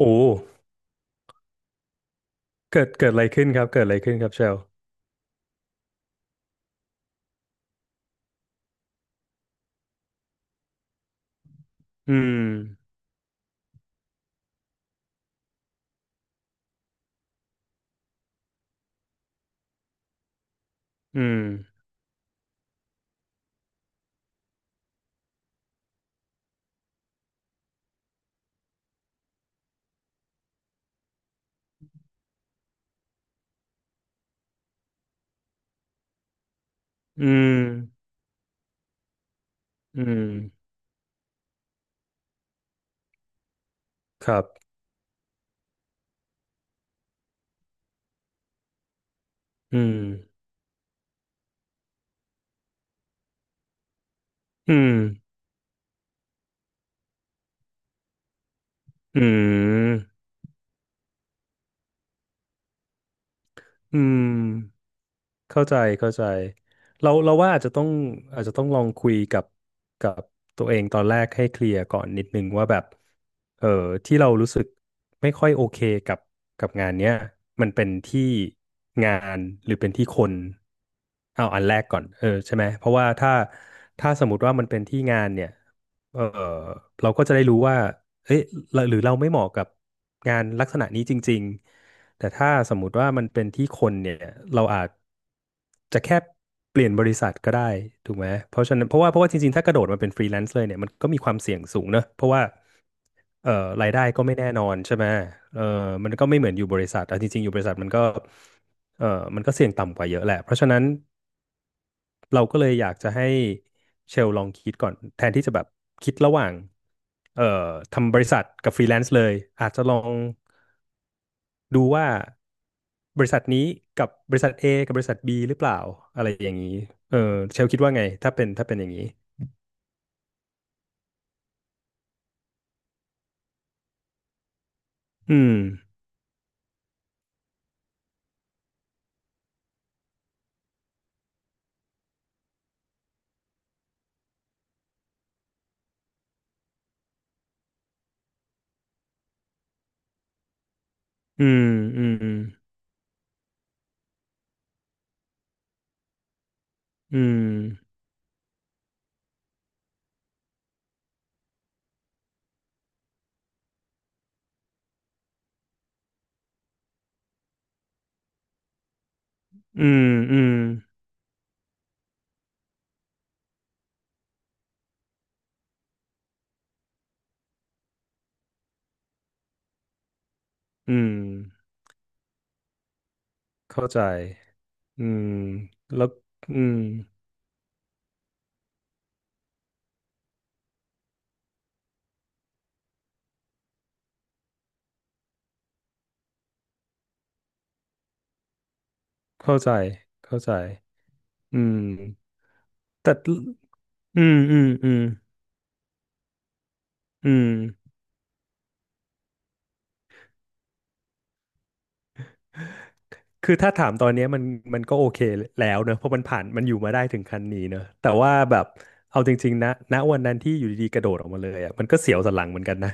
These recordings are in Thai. โอ้ เกิดอะไรขึ้นครับ เกิดอะไรขึ้นครับเชลอืม อืม อืม อืม ครับ อืม อืม อืมอืม เข้าใจเข้าใจเราว่าอาจจะต้องลองคุยกับตัวเองตอนแรกให้เคลียร์ก่อนนิดนึงว่าแบบเออที่เรารู้สึกไม่ค่อยโอเคกับกับงานเนี้ยมันเป็นที่งานหรือเป็นที่คนเอาอันแรกก่อนเออใช่ไหมเพราะว่าถ้าสมมติว่ามันเป็นที่งานเนี่ยเออเราก็จะได้รู้ว่าเอ๊ะหรือเราไม่เหมาะกับงานลักษณะนี้จริงๆ แต่ถ้าสมมุติว่ามันเป็นที่คนเนี่ยเราอาจจะแค่เปลี่ยนบริษัทก็ได้ถูกไหมเพราะฉะนั้นเพราะว่าจริงๆถ้ากระโดดมาเป็นฟรีแลนซ์เลยเนี่ยมันก็มีความเสี่ยงสูงเนอะเพราะว่าเอ่อรายได้ก็ไม่แน่นอนใช่ไหมเออมันก็ไม่เหมือนอยู่บริษัทเอาจริงๆอยู่บริษัทมันก็เออมันก็เสี่ยงต่ำกว่าเยอะแหละเพราะฉะนั้นเราก็เลยอยากจะให้เชลลองคิดก่อนแทนที่จะแบบคิดระหว่างเอ่อทำบริษัทกับฟรีแลนซ์เลยอาจจะลอง ดูว่าบริษัทนี้กับบริษัท A กับบริษัท B หรือเปล่าอะไรอย่างนี้เออเชลคิดว่าไงถ้าเป็นอย่างนี้อืมอืมอืมอืมอืมอืมอืมเข้าใจอืมแล้วอืมเข้าใจเข้าใจอืมแต่อืมอืมอืมอืม คือถ้าถามตอนเนี้ยมันก็โอเคแล้วเนอะเพราะมันผ่านมันอยู่มาได้ถึงคันนี้เนอะแต่ว่าแบบเอาจริงๆนะณวันนั้นที่อยู่ดีๆกระโดดออกมาเลยอ่ะมันก็เสียวสันหลังเหมือนกันนะ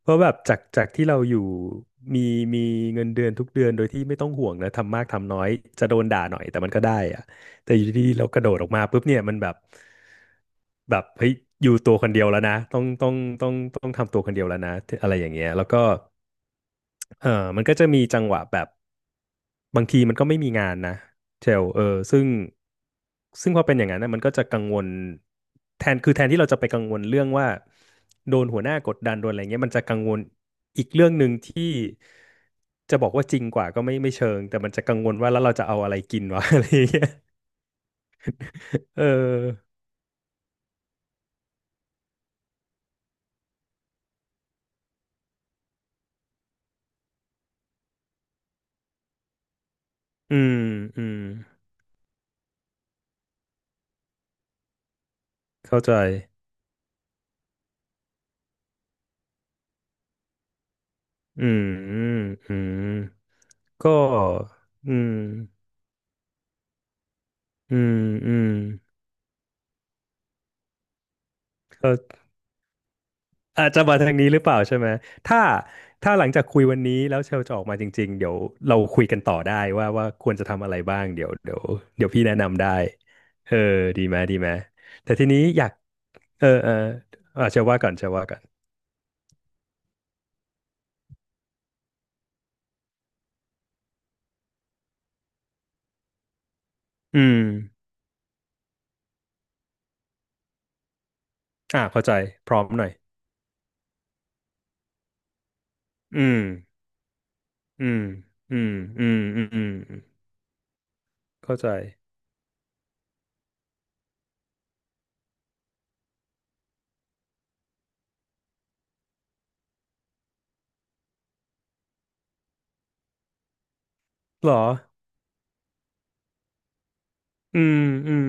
เพราะแบบจากที่เราอยู่มีมีเงินเดือนทุกเดือนโดยที่ไม่ต้องห่วงนะทำมากทำน้อยจะโดนด่าหน่อยแต่มันก็ได้อ่ะแต่อยู่ดีๆเรากระโดดออกมาปุ๊บเนี่ยมันแบบเฮ้ยอยู่ตัวคนเดียวแล้วนะต้องทำตัวคนเดียวแล้วนะอะไรอย่างเงี้ยแล้วก็เออมันก็จะมีจังหวะแบบ บางทีมันก็ไม่มีงานนะเชลซึ่งซึ่งพอเป็นอย่างนั้นนะมันก็จะกังวลแทนที่เราจะไปกังวลเรื่องว่าโดนหัวหน้ากดดันโดนอะไรเงี้ยมันจะกังวลอีกเรื่องหนึ่งที่จะบอกว่าจริงกว่าก็ไม่ไม่เชิงแต่มันจะกังวลว่าแล้วเราจะเอาอะไรกินวะ อะไรเงี้ยเอออืมอืมเข้าใจอืมอืมอืมก็อืมอืมอืมเข้า อาจจะมาทางนี้หรือเปล่าใช่ไหมถ้าถ้าหลังจากคุยวันนี้แล้วเชลจะออกมาจริงๆเดี๋ยวเราคุยกันต่อได้ว่าควรจะทำอะไรบ้างเดี๋ยวเดี๋ยวเดี๋ยวพี่แนะนำได้เออดีไหมดีไหม แต่ทีนี้อยากเออเอออ่ะเชลว่าก่อนเชลว่าก่อน อืมอ่าเข้าใจพร้อมหน่อยอืมอืมอืมอืมอืมอืมเข้าใจเหรอ อืมอืม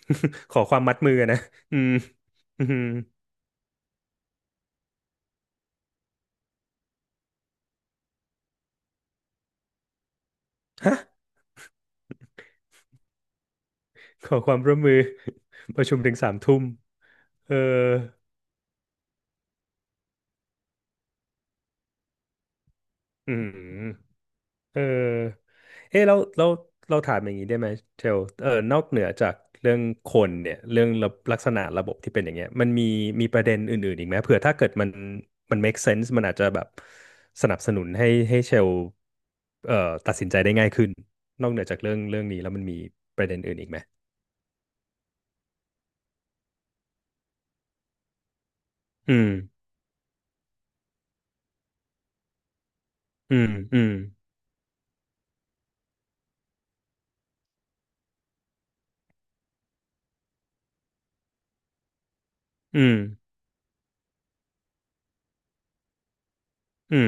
ขอความมัดมือนะอืมอืมฮะขอความร่วมมือ ประชุมถึง3 ทุ่ม เอออืมเออเอ๊ะแล้วเราถามอย่างนี้ได้ไหมเชลนอกเหนือจากเรื่องคนเนี่ยเรื่องระลักษณะระบบที่เป็นอย่างเงี้ยมันมีประเด็นอื่นๆอีกไหมเผื่อถ้าเกิดมัน make sense มันอาจจะแบบสนับสนุนให้เชลเอ่อตัดสินใจได้ง่ายขึ้นนอกเหนือจากเรื่องนี้แล้วมันมีประเด็นอื่นอีกไหมอืมอืมอืมอืมอืม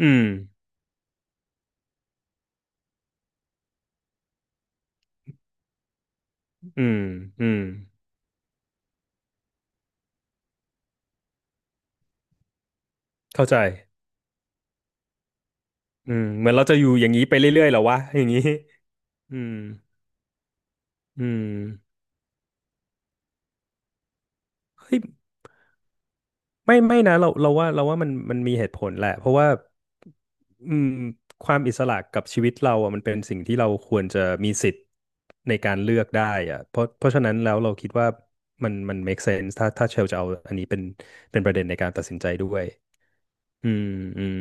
อืมอืมอืมเข้าใจอืมเหมือนเราจะอยู่อย่างนี้ไปเรื่อยๆเหรอวะอย่างนี้ อืมอืมเฮ้ยไม่ไม่นะเราว่ามันมีเหตุผลแหละเพราะว่าอืมความอิสระกับชีวิตเราอ่ะมันเป็นสิ่งที่เราควรจะมีสิทธิ์ในการเลือกได้อ่ะเพราะฉะนั้นแล้วเราคิดว่ามัน make sense ถ้าเชลจะเอาอันนี้เป็นประเด็นในการตัดสินใจด้วยอืมอืม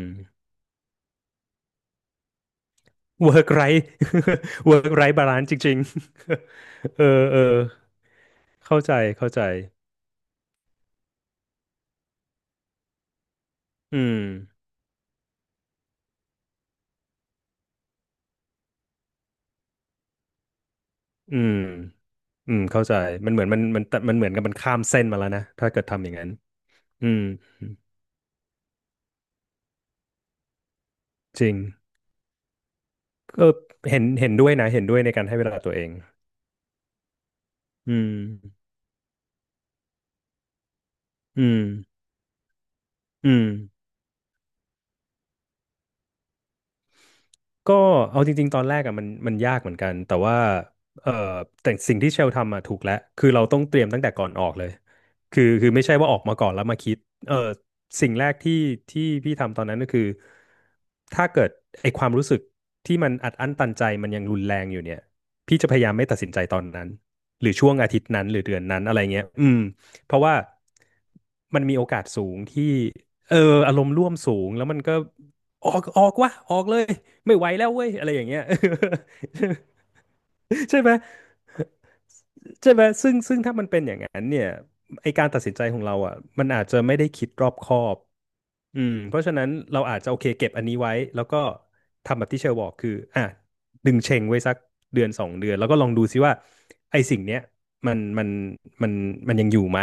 work right work right balance จริงๆ เออเออเข้าใจเข้าใจอืมอืม อืมเข้าใจมันเหมือนมันมันมันเหมือนกับมันข้ามเส้นมาแล้วนะถ้าเกิดทำอย่างนั้นอืมจริงก็เห็นด้วยนะเห็นด้วยในการให้เวลาตัวเองอืมอืมอืม ก็เอาจริงๆตอนแรกอะมันยากเหมือนกันแต่ว่าเออแต่สิ่งที่เชลทำอะถูกแล้วคือเราต้องเตรียมตั้งแต่ก่อนออกเลยคือไม่ใช่ว่าออกมาก่อนแล้วมาคิดเออสิ่งแรกที่พี่ทำตอนนั้นก็คือถ้าเกิดไอความรู้สึกที่มันอัดอั้นตันใจมันยังรุนแรงอยู่เนี่ยพี่จะพยายามไม่ตัดสินใจตอนนั้นหรือช่วงอาทิตย์นั้นหรือเดือนนั้นอะไรเงี้ยอืมเพราะว่ามันมีโอกาสสูงที่เอออารมณ์ร่วมสูงแล้วมันก็ ออกวะออกเลยไม่ไหวแล้วเว้ยอะไรอย่างเงี้ย ใช่ไหมใช่ไหมซึ่งถ้ามันเป็นอย่างนั้นเนี่ยไอการตัดสินใจของเราอ่ะมันอาจจะไม่ได้คิดรอบคอบ อืมเพราะฉะนั้นเราอาจจะโอเคเก็บอันนี้ไว้แล้วก็ทำแบบที่เชลบอกคืออ่ะดึงเชงไว้สักเดือนสองเดือนแล้วก็ลองดูซิว่าไอ้สิ่งเนี้ยมันมันมันมันยังอยู่ไหม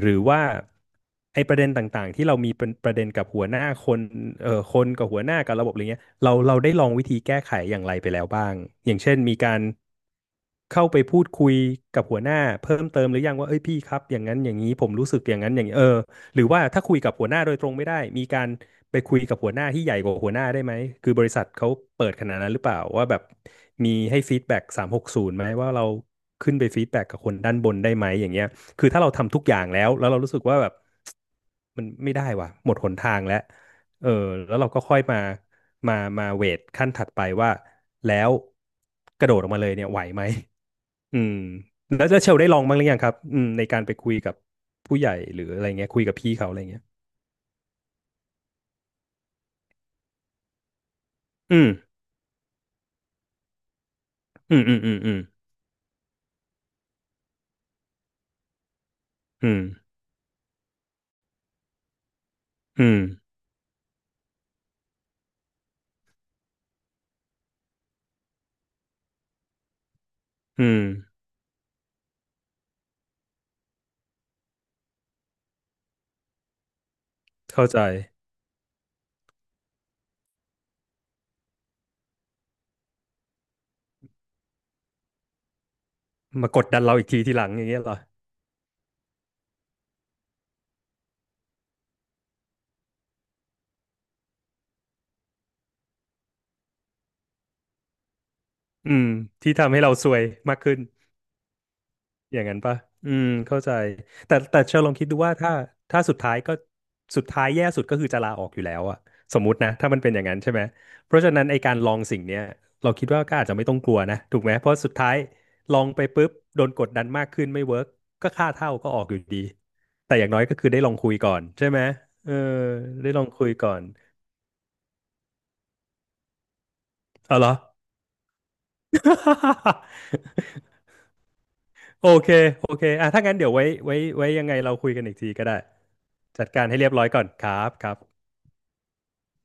หรือว่าไอ้ประเด็นต่างๆที่เรามีเป็นประเด็นกับหัวหน้าคนคนกับหัวหน้ากับระบบอะไรเงี้ยเราได้ลองวิธีแก้ไขอย่างไรไปแล้วบ้างอย่างเช่นมีการ เข้าไปพูดคุยกับหัวหน้าเพิ่มเติมหรือยังว่าเอ้ยพี่ครับอย่างนั้นอย่างนี้ผมรู้สึกอย่างนั้นอย่างนี้เออหรือว่าถ้าคุยกับหัวหน้าโดยตรงไม่ได้มีการไปคุยกับหัวหน้าที่ใหญ่กว่าหัวหน้าได้ไหมคือบริษัทเขาเปิดขนาดนั้นหรือเปล่าว่าแบบมีให้ฟีดแบ็ก360ไหมว่าเราขึ้นไปฟีดแบ็กกับคนด้านบนได้ไหมอย่างเงี้ยคือถ้าเราทำทุกอย่างแล้วเรารู้สึกว่าแบบมันไม่ได้ว่ะหมดหนทางแล้วเออแล้วเราก็ค่อยมามาเวทขั้นถัดไปว่าแล้วกระโดดออกมาเลยเนี่ยไหวไหม อืมแล้วเชลได้ลองบ้างหรือยังครับอืมในการไปคุยกับผู้ใหญ่หรืออะไรเงี้ยคุยกับพี่เขาอะไรเงี้ยอืมอืมอืมอืมอืมอืมอืมอืมเข้าใจมากดดันเราอีกทีทีหลังอย่างเงี้ยเหรออืมที่ทำให้เราซวยมากขึ้น อย่างนั้นปะอืมเข้าใจแต่แต่เชลลองคิดดูว่าถ้าถ้าสุดท้ายก็สุดท้ายแย่สุดก็คือจะลาออกอยู่แล้วอะสมมุตินะถ้ามันเป็นอย่างนั้นใช่ไหมเพราะฉะนั้นไอการลองสิ่งเนี้ยเราคิดว่าก็อาจจะไม่ต้องกลัวนะถูกไหมเพราะสุดท้ายลองไปปุ๊บโดนกดดันมากขึ้นไม่เวิร์กก็ค่าเท่าก็ออกอยู่ดีแต่อย่างน้อยก็คือได้ลองคุยก่อนใช่ไหมเออได้ลองคุยก่อนเอาเหรอ โอเค โอเคอ่ะถ้างั้นเดี๋ยวไว้ยังไงเราคุยกันอีกทีก็ได้ จัดการให้เรียบร้อยก่อนครับครับ